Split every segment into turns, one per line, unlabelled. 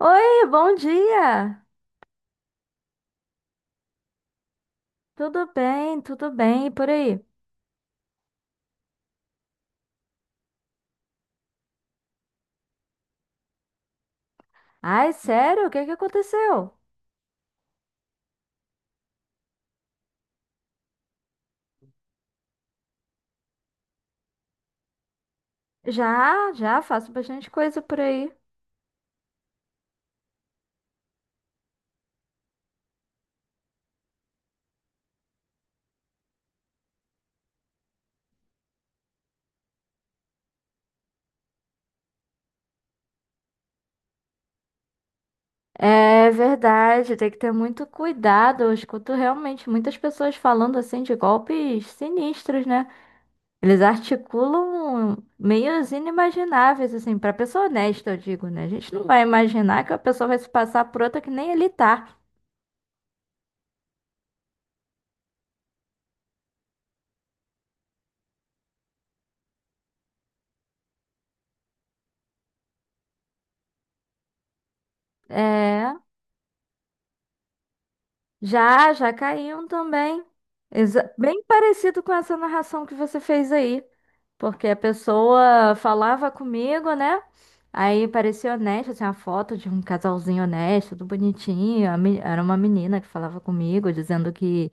Oi, bom dia! Tudo bem, e por aí? Ai, sério, o que que aconteceu? Já, já faço bastante coisa por aí. É verdade, tem que ter muito cuidado. Eu escuto realmente muitas pessoas falando assim de golpes sinistros, né? Eles articulam meios inimagináveis, assim, pra pessoa honesta, eu digo, né? A gente não vai imaginar que a pessoa vai se passar por outra que nem ele tá. É, já, já caíam também. Bem parecido com essa narração que você fez aí. Porque a pessoa falava comigo, né? Aí parecia honesto, tinha uma foto de um casalzinho honesto, tudo bonitinho. Era uma menina que falava comigo, dizendo que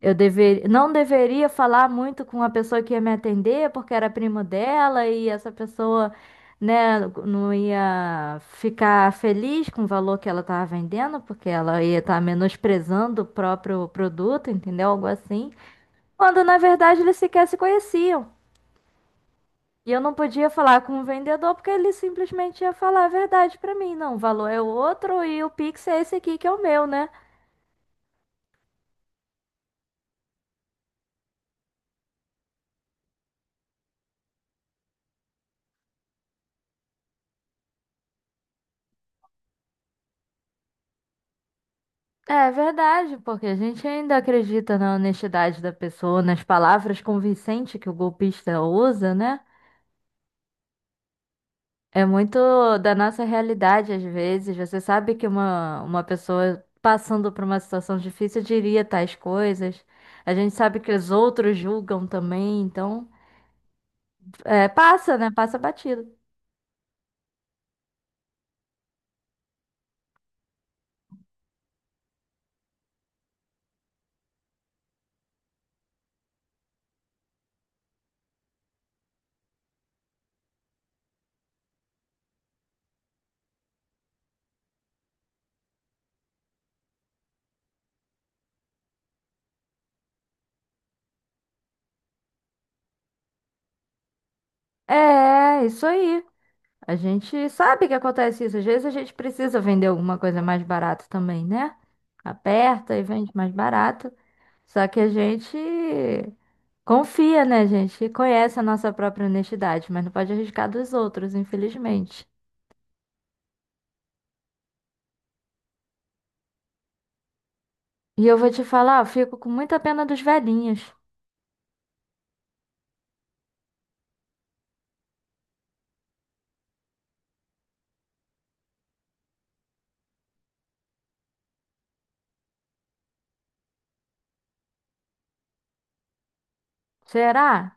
não deveria falar muito com a pessoa que ia me atender, porque era primo dela e essa pessoa, né, não ia ficar feliz com o valor que ela estava vendendo, porque ela ia estar menosprezando o próprio produto, entendeu? Algo assim. Quando na verdade eles sequer se conheciam. E eu não podia falar com o vendedor porque ele simplesmente ia falar a verdade para mim. Não, o valor é outro e o Pix é esse aqui que é o meu, né? É verdade, porque a gente ainda acredita na honestidade da pessoa, nas palavras convincentes que o golpista usa, né? É muito da nossa realidade, às vezes. Você sabe que uma pessoa passando por uma situação difícil diria tais coisas. A gente sabe que os outros julgam também, então é, passa, né? Passa batido. É, isso aí. A gente sabe que acontece isso. Às vezes a gente precisa vender alguma coisa mais barata também, né? Aperta e vende mais barato. Só que a gente confia, né, gente? E conhece a nossa própria honestidade, mas não pode arriscar dos outros, infelizmente. E eu vou te falar, eu fico com muita pena dos velhinhos. Será?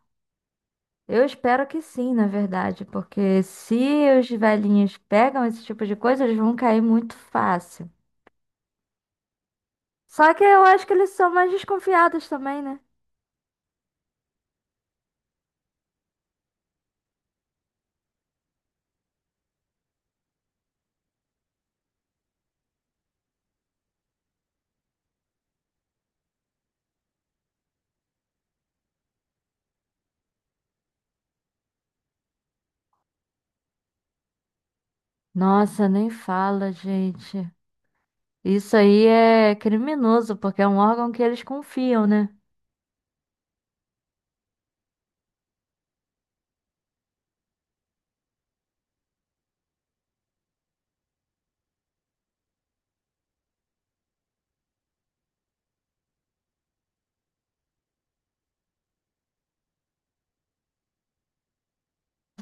Eu espero que sim, na verdade, porque se os velhinhos pegam esse tipo de coisa, eles vão cair muito fácil. Só que eu acho que eles são mais desconfiados também, né? Nossa, nem fala, gente. Isso aí é criminoso, porque é um órgão que eles confiam, né?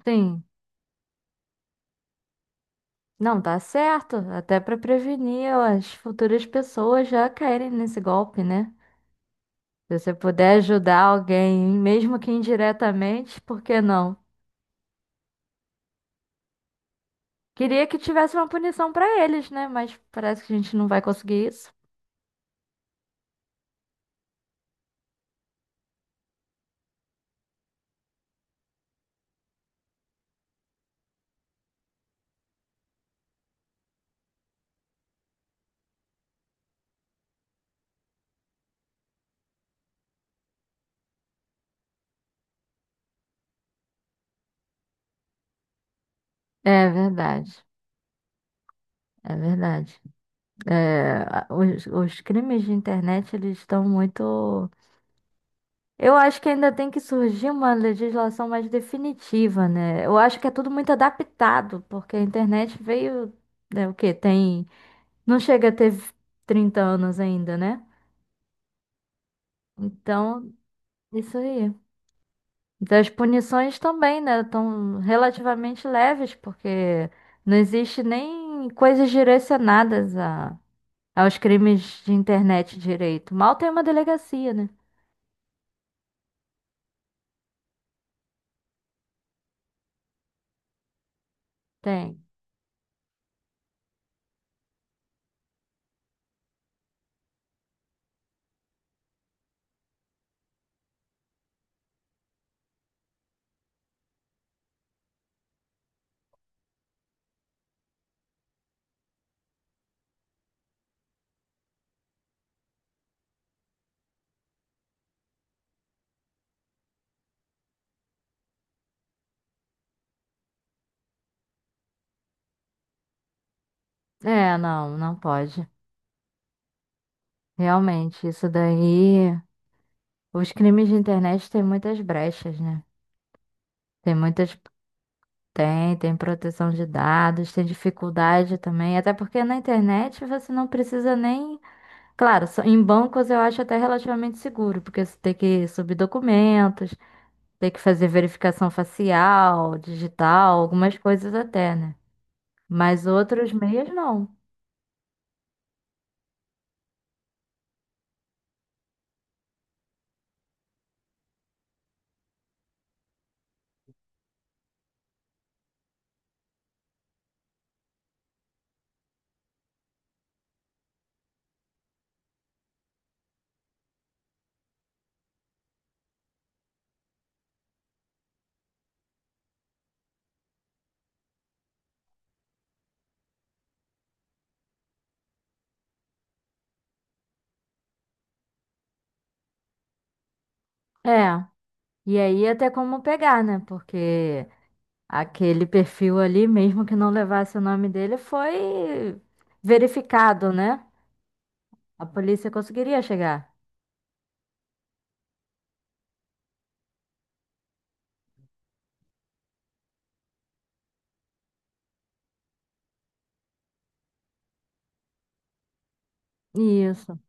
Sim. Não, tá certo. Até para prevenir as futuras pessoas já caírem nesse golpe, né? Se você puder ajudar alguém, mesmo que indiretamente, por que não? Queria que tivesse uma punição para eles, né? Mas parece que a gente não vai conseguir isso. É verdade, é verdade. É, os crimes de internet, eles estão muito. Eu acho que ainda tem que surgir uma legislação mais definitiva, né? Eu acho que é tudo muito adaptado, porque a internet veio, né, o quê? Tem, não chega a ter 30 anos ainda, né? Então, isso aí. Das punições também, né? Estão relativamente leves, porque não existe nem coisas direcionadas a, aos crimes de internet direito. Mal tem uma delegacia, né? Tem. É, não, não pode. Realmente, isso daí. Os crimes de internet têm muitas brechas, né? Tem muitas. Tem, tem proteção de dados, tem dificuldade também. Até porque na internet você não precisa nem. Claro, em bancos eu acho até relativamente seguro, porque você tem que subir documentos, tem que fazer verificação facial, digital, algumas coisas até, né? Mas outros meios não. É. E aí até como pegar, né? Porque. Aquele perfil ali, mesmo que não levasse o nome dele, foi verificado, né? A polícia conseguiria chegar. Isso.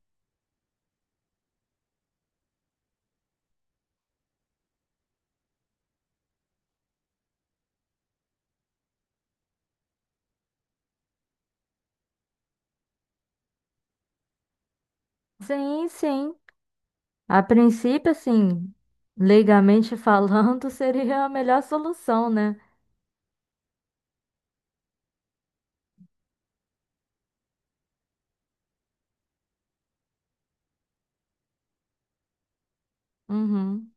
Sim, sim. A princípio, assim, legalmente falando, seria a melhor solução, né? Uhum.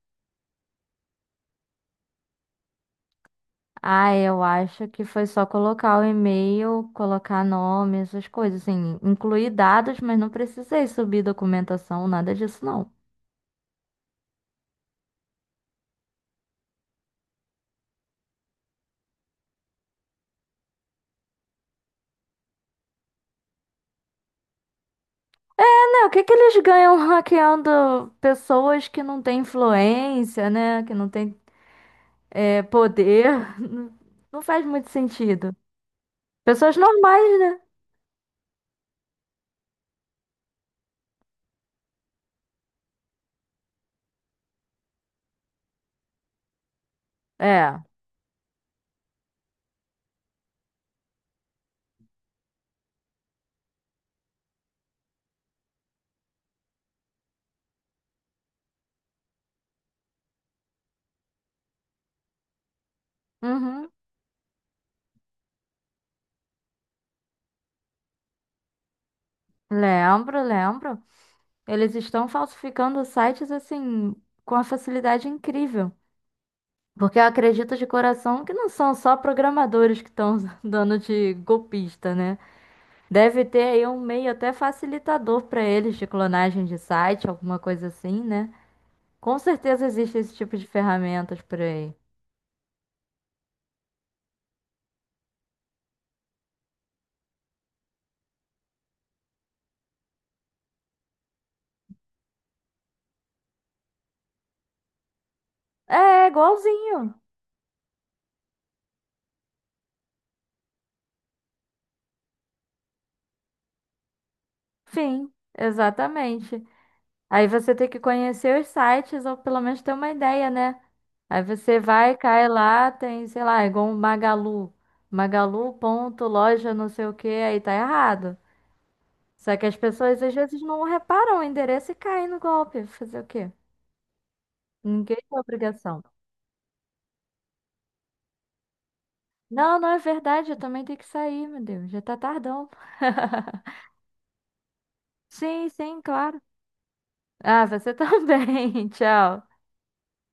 Ah, eu acho que foi só colocar o e-mail, colocar nome, essas coisas, assim, incluir dados, mas não precisei subir documentação, nada disso, não. É, o que que eles ganham hackeando pessoas que não têm influência, né? Que não têm é, poder. Não faz muito sentido. Pessoas normais, né? É. Uhum. Lembro, lembro. Eles estão falsificando sites assim com uma facilidade incrível. Porque eu acredito de coração que não são só programadores que estão dando de golpista, né? Deve ter aí um meio até facilitador para eles de clonagem de site, alguma coisa assim, né? Com certeza existe esse tipo de ferramentas por aí. É, é igualzinho. Sim, exatamente. Aí você tem que conhecer os sites ou pelo menos ter uma ideia, né? Aí você vai, cai lá, tem, sei lá, é igual um Magalu. Magalu ponto loja não sei o que, aí tá errado. Só que as pessoas às vezes não reparam o endereço e caem no golpe. Fazer o quê? Ninguém tem obrigação. Não, não é verdade, eu também tenho que sair, meu Deus, já tá tardão. Sim, sim, claro. Ah, você também. Tchau.